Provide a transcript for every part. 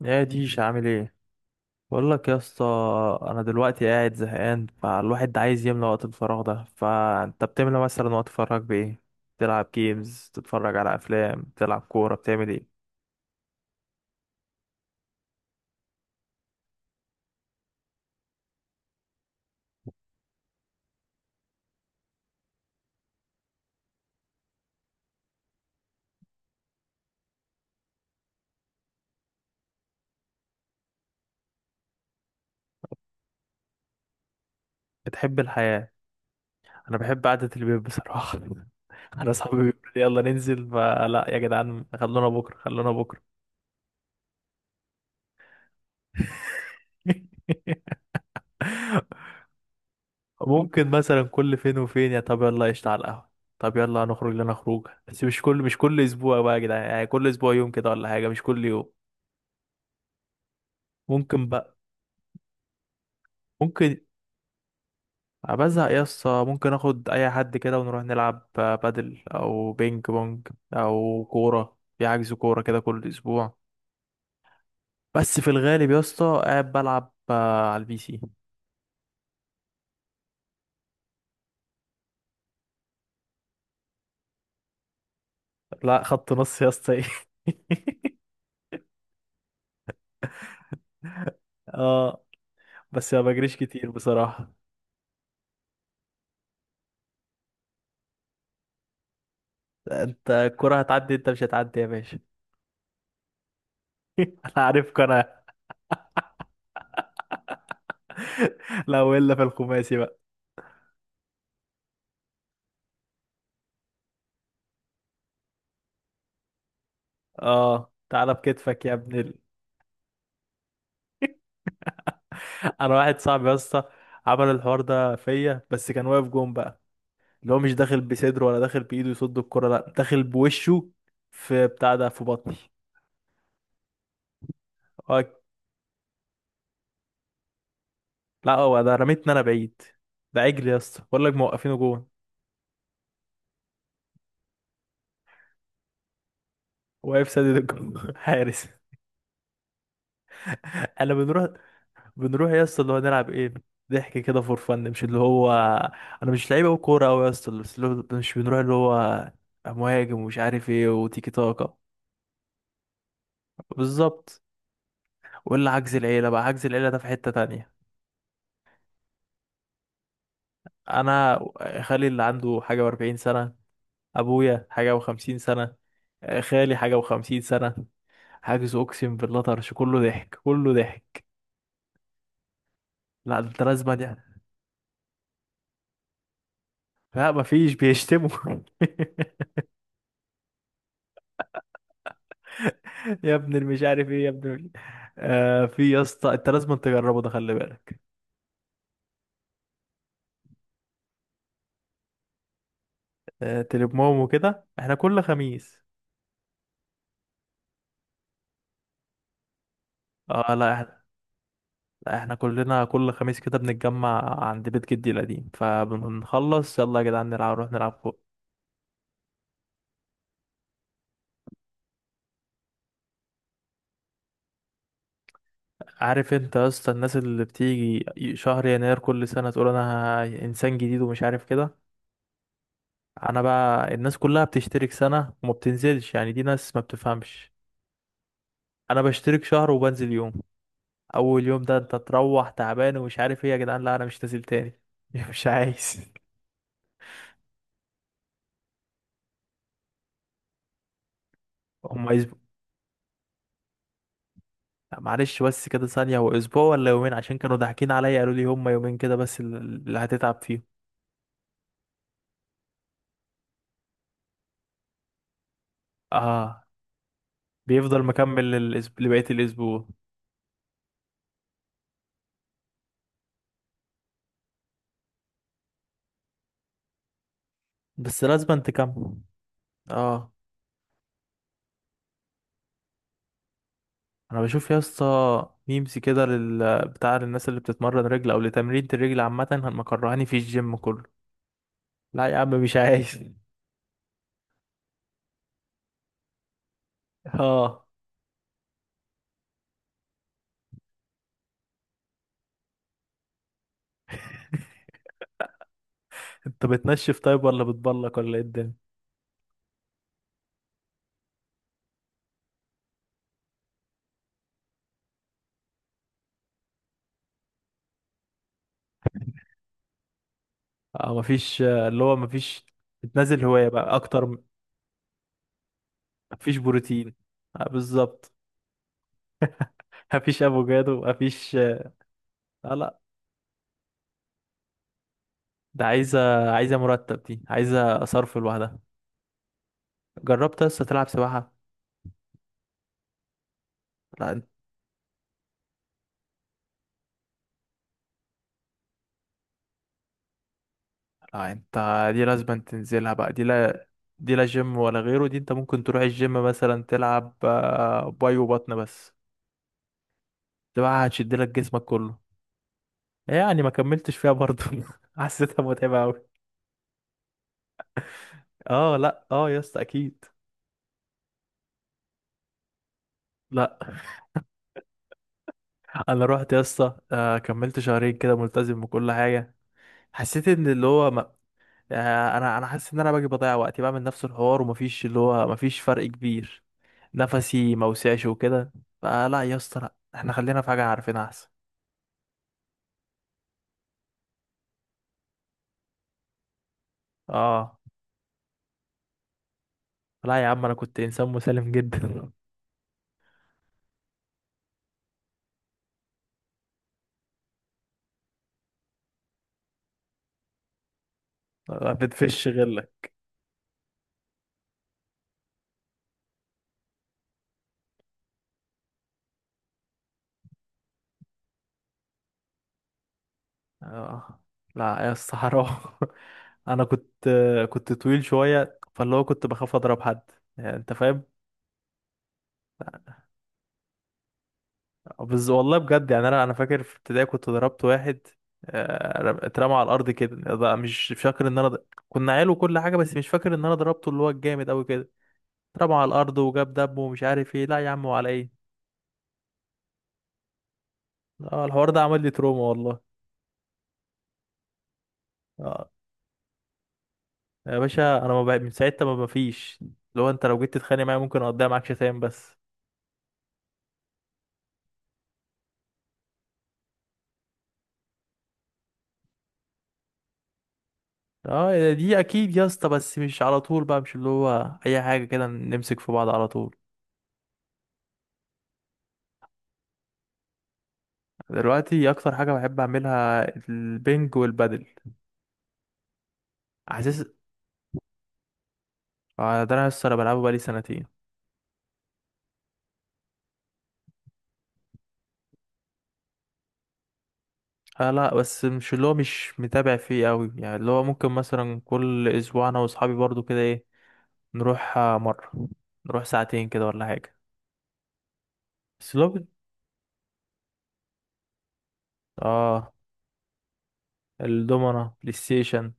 يا ديش عامل ايه؟ بقول لك يا اسطى، انا دلوقتي قاعد زهقان، فالواحد عايز يملى وقت الفراغ ده، فانت بتملى مثلا وقت فراغك بايه؟ تلعب جيمز، تتفرج على افلام، تلعب كوره، بتعمل ايه؟ بتحب الحياه؟ انا بحب قعده البيت بصراحه. انا اصحابي بيقولوا لي يلا ننزل، فلا يا جدعان، خلونا بكره خلونا بكره. ممكن مثلا كل فين وفين يا طب يلا قشطة على القهوة. طب يلا هنخرج لنا خروجه، بس مش كل اسبوع بقى يا جدعان، يعني كل اسبوع يوم كده ولا حاجة، مش كل يوم. ممكن بقى. ممكن. بزهق يا اسطى، ممكن اخد اي حد كده ونروح نلعب بادل او بينج بونج، او كورة في حجز كورة كده كل اسبوع. بس في الغالب يا اسطى قاعد بلعب على البي سي. لا خط نص يا اسطى ايه. اه بس ما بجريش كتير بصراحة. انت الكرة هتعدي، انت مش هتعدي يا باشا. انا عارفك انا. لو الا في الخماسي بقى. اه تعالى بكتفك يا ابن ال... انا واحد صاحبي يا اسطى عمل الحوار ده فيا، بس كان واقف جون بقى. اللي هو مش داخل بصدره ولا داخل بايده يصد الكرة، لا داخل بوشه، في بتاع ده في بطني. آه، لا هو ده رميتني انا بعيد. ده عجل يا اسطى، بقول لك موقفينه جون. واقف سدد الجون حارس. انا بنروح بنروح يا اسطى اللي هو نلعب ايه. ضحك كده فور فن، مش اللي هو انا مش لعيب او كوره او يا اسطى، بس اللي هو مش بنروح اللي هو مهاجم ومش عارف ايه وتيكي تاكا. بالظبط. ولا عجز العيله بقى، عجز العيله ده في حته تانية. انا خالي اللي عنده حاجه و40 سنه، ابويا حاجه و50 سنه، خالي حاجه و50 سنه. حاجز، اقسم بالله، طرش، كله ضحك كله ضحك. لا ده انت لازم يعني. لا مفيش، بيشتموا. يا ابن المش عارف ايه يا ابن المش... آه في يا اسطى، انت لازم تجربه ده، خلي بالك. آه تليموم وكده، احنا كل خميس. اه لا احنا. لا احنا كلنا كل خميس كده بنتجمع عند بيت جدي القديم، فبنخلص يلا يا جدعان نلعب، نروح نلعب فوق. عارف انت يا اسطى الناس اللي بتيجي شهر يناير كل سنة تقول انا انسان جديد ومش عارف كده. انا بقى الناس كلها بتشترك سنة وما بتنزلش، يعني دي ناس ما بتفهمش. انا بشترك شهر وبنزل يوم. اول يوم ده انت تروح تعبان، ومش عارف ايه يا جدعان، لا انا مش نازل تاني. مش عايز. هم اسبوع. لا، معلش بس كده ثانية، هو اسبوع ولا يومين؟ عشان كانوا ضاحكين عليا قالوا لي هم يومين كده بس اللي هتتعب فيهم. اه بيفضل مكمل لبقية الاسبوع. بس لازم تكمل. اه انا بشوف يا اسطى ميمز كده بتاع للناس اللي بتتمرن رجل او لتمرين الرجل عامة، مكرهاني في الجيم كله. لا يا عم مش عايز. اه انت بتنشف طيب ولا بتبلك ولا ايه الدنيا؟ اه مفيش، اللي هو مفيش، بتنزل هواية بقى اكتر مفيش بروتين. آه بالظبط. مفيش افوكادو، مفيش. آه، لا ده عايزة مرتب، دي عايزة صرف لوحدها. جربت لسه تلعب سباحة؟ لا انت، لا انت، دي لازم تنزلها بقى دي، لا. دي لا جيم ولا غيره، دي انت ممكن تروح الجيم مثلا تلعب باي وبطن بس. سباحة هتشد لك جسمك كله. يعني ما كملتش فيها برضه. حسيتها متعبة قوي. اه لا، اه يا اسطى اكيد. لا. انا رحت يا اسطى كملت شهرين كده ملتزم بكل حاجه. حسيت ان اللي هو ما... انا حاسس ان انا باجي بضيع وقتي بعمل نفس الحوار، ومفيش اللي هو مفيش فرق كبير. نفسي ما وسعش وكده. فلا يا اسطى، لا احنا خلينا في حاجه عارفينها احسن. اه. لا يا عم انا كنت انسان مسالم جدا. ما بتفش غيرك. اه لا يا اسطى حرام. انا كنت، كنت طويل شويه، فاللي هو كنت بخاف اضرب حد. يعني انت فاهم. بس والله بجد، يعني انا فاكر في ابتدائي كنت ضربت واحد. اترمى على الارض كده، ده مش فاكر ان انا كنا عيال وكل حاجه، بس مش فاكر ان انا ضربته اللي هو الجامد قوي كده. اترمى على الارض وجاب دم ومش عارف ايه، لا يا عم وعلى ايه. اه الحوار ده عمل لي تروما والله. اه يا باشا انا ما بقى من ساعتها ما مفيش. لو جيت تتخانق معايا ممكن اقضيها معاك شتايم بس. اه دي اكيد يا اسطى، بس مش على طول بقى، مش اللي هو اي حاجه كده نمسك في بعض على طول. دلوقتي اكتر حاجه بحب اعملها البنج والبادل. عزيز. ده انا لسه بلعبه بقالي سنتين. آه لا، بس مش اللي هو مش متابع فيه قوي، يعني اللي هو ممكن مثلا كل اسبوع انا واصحابي برضو كده ايه. نروح مرة، نروح ساعتين كده ولا حاجة. بس لو بت- اه الدومنة بلاي ستيشن.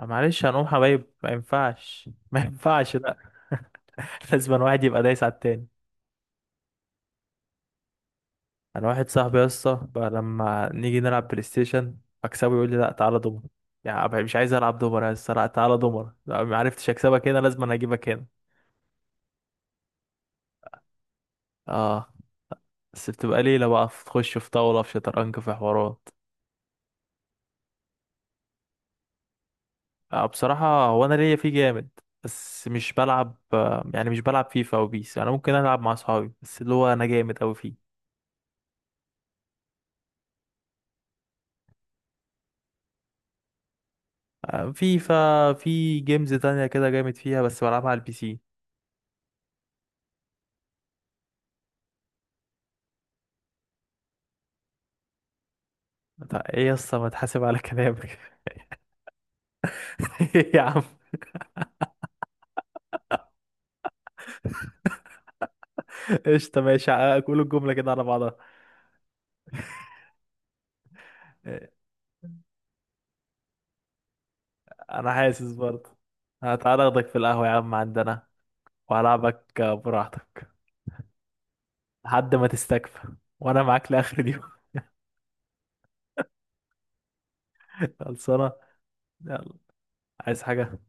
معلش هنقوم حبايب، ما ينفعش، ما ينفعش، لا. لازم واحد يبقى دايس على التاني. انا واحد صاحبي يا اسطى بقى لما نيجي نلعب بلاي ستيشن اكسبه يقول لي لا تعالى دومر. يعني أبقى مش عايز العب دومر يا اسطى، لا تعالى دومر، لا ما عرفتش اكسبك هنا لازم انا اجيبك هنا. اه بس بتبقى ليله بقى، تخش في طاوله في شطرنج في حوارات. آه بصراحه هو انا ليا فيه جامد. بس مش بلعب يعني مش بلعب فيفا وبيس، انا ممكن العب مع اصحابي، بس اللي هو انا جامد اوي فيه. فيفا في جيمز تانية كده جامد فيها، بس بلعبها على البي سي. طب ايه يا اسطى، ما تحاسب على كلامك. يا عم. قشطة ماشي. قول الجملة كده على بعضها. إيه، أنا حاسس برضه. هتعالى أخدك في القهوة يا عم عندنا، وهلعبك براحتك لحد ما تستكفى، وأنا معاك لآخر اليوم. خلصانة. يلا. عايز حاجة؟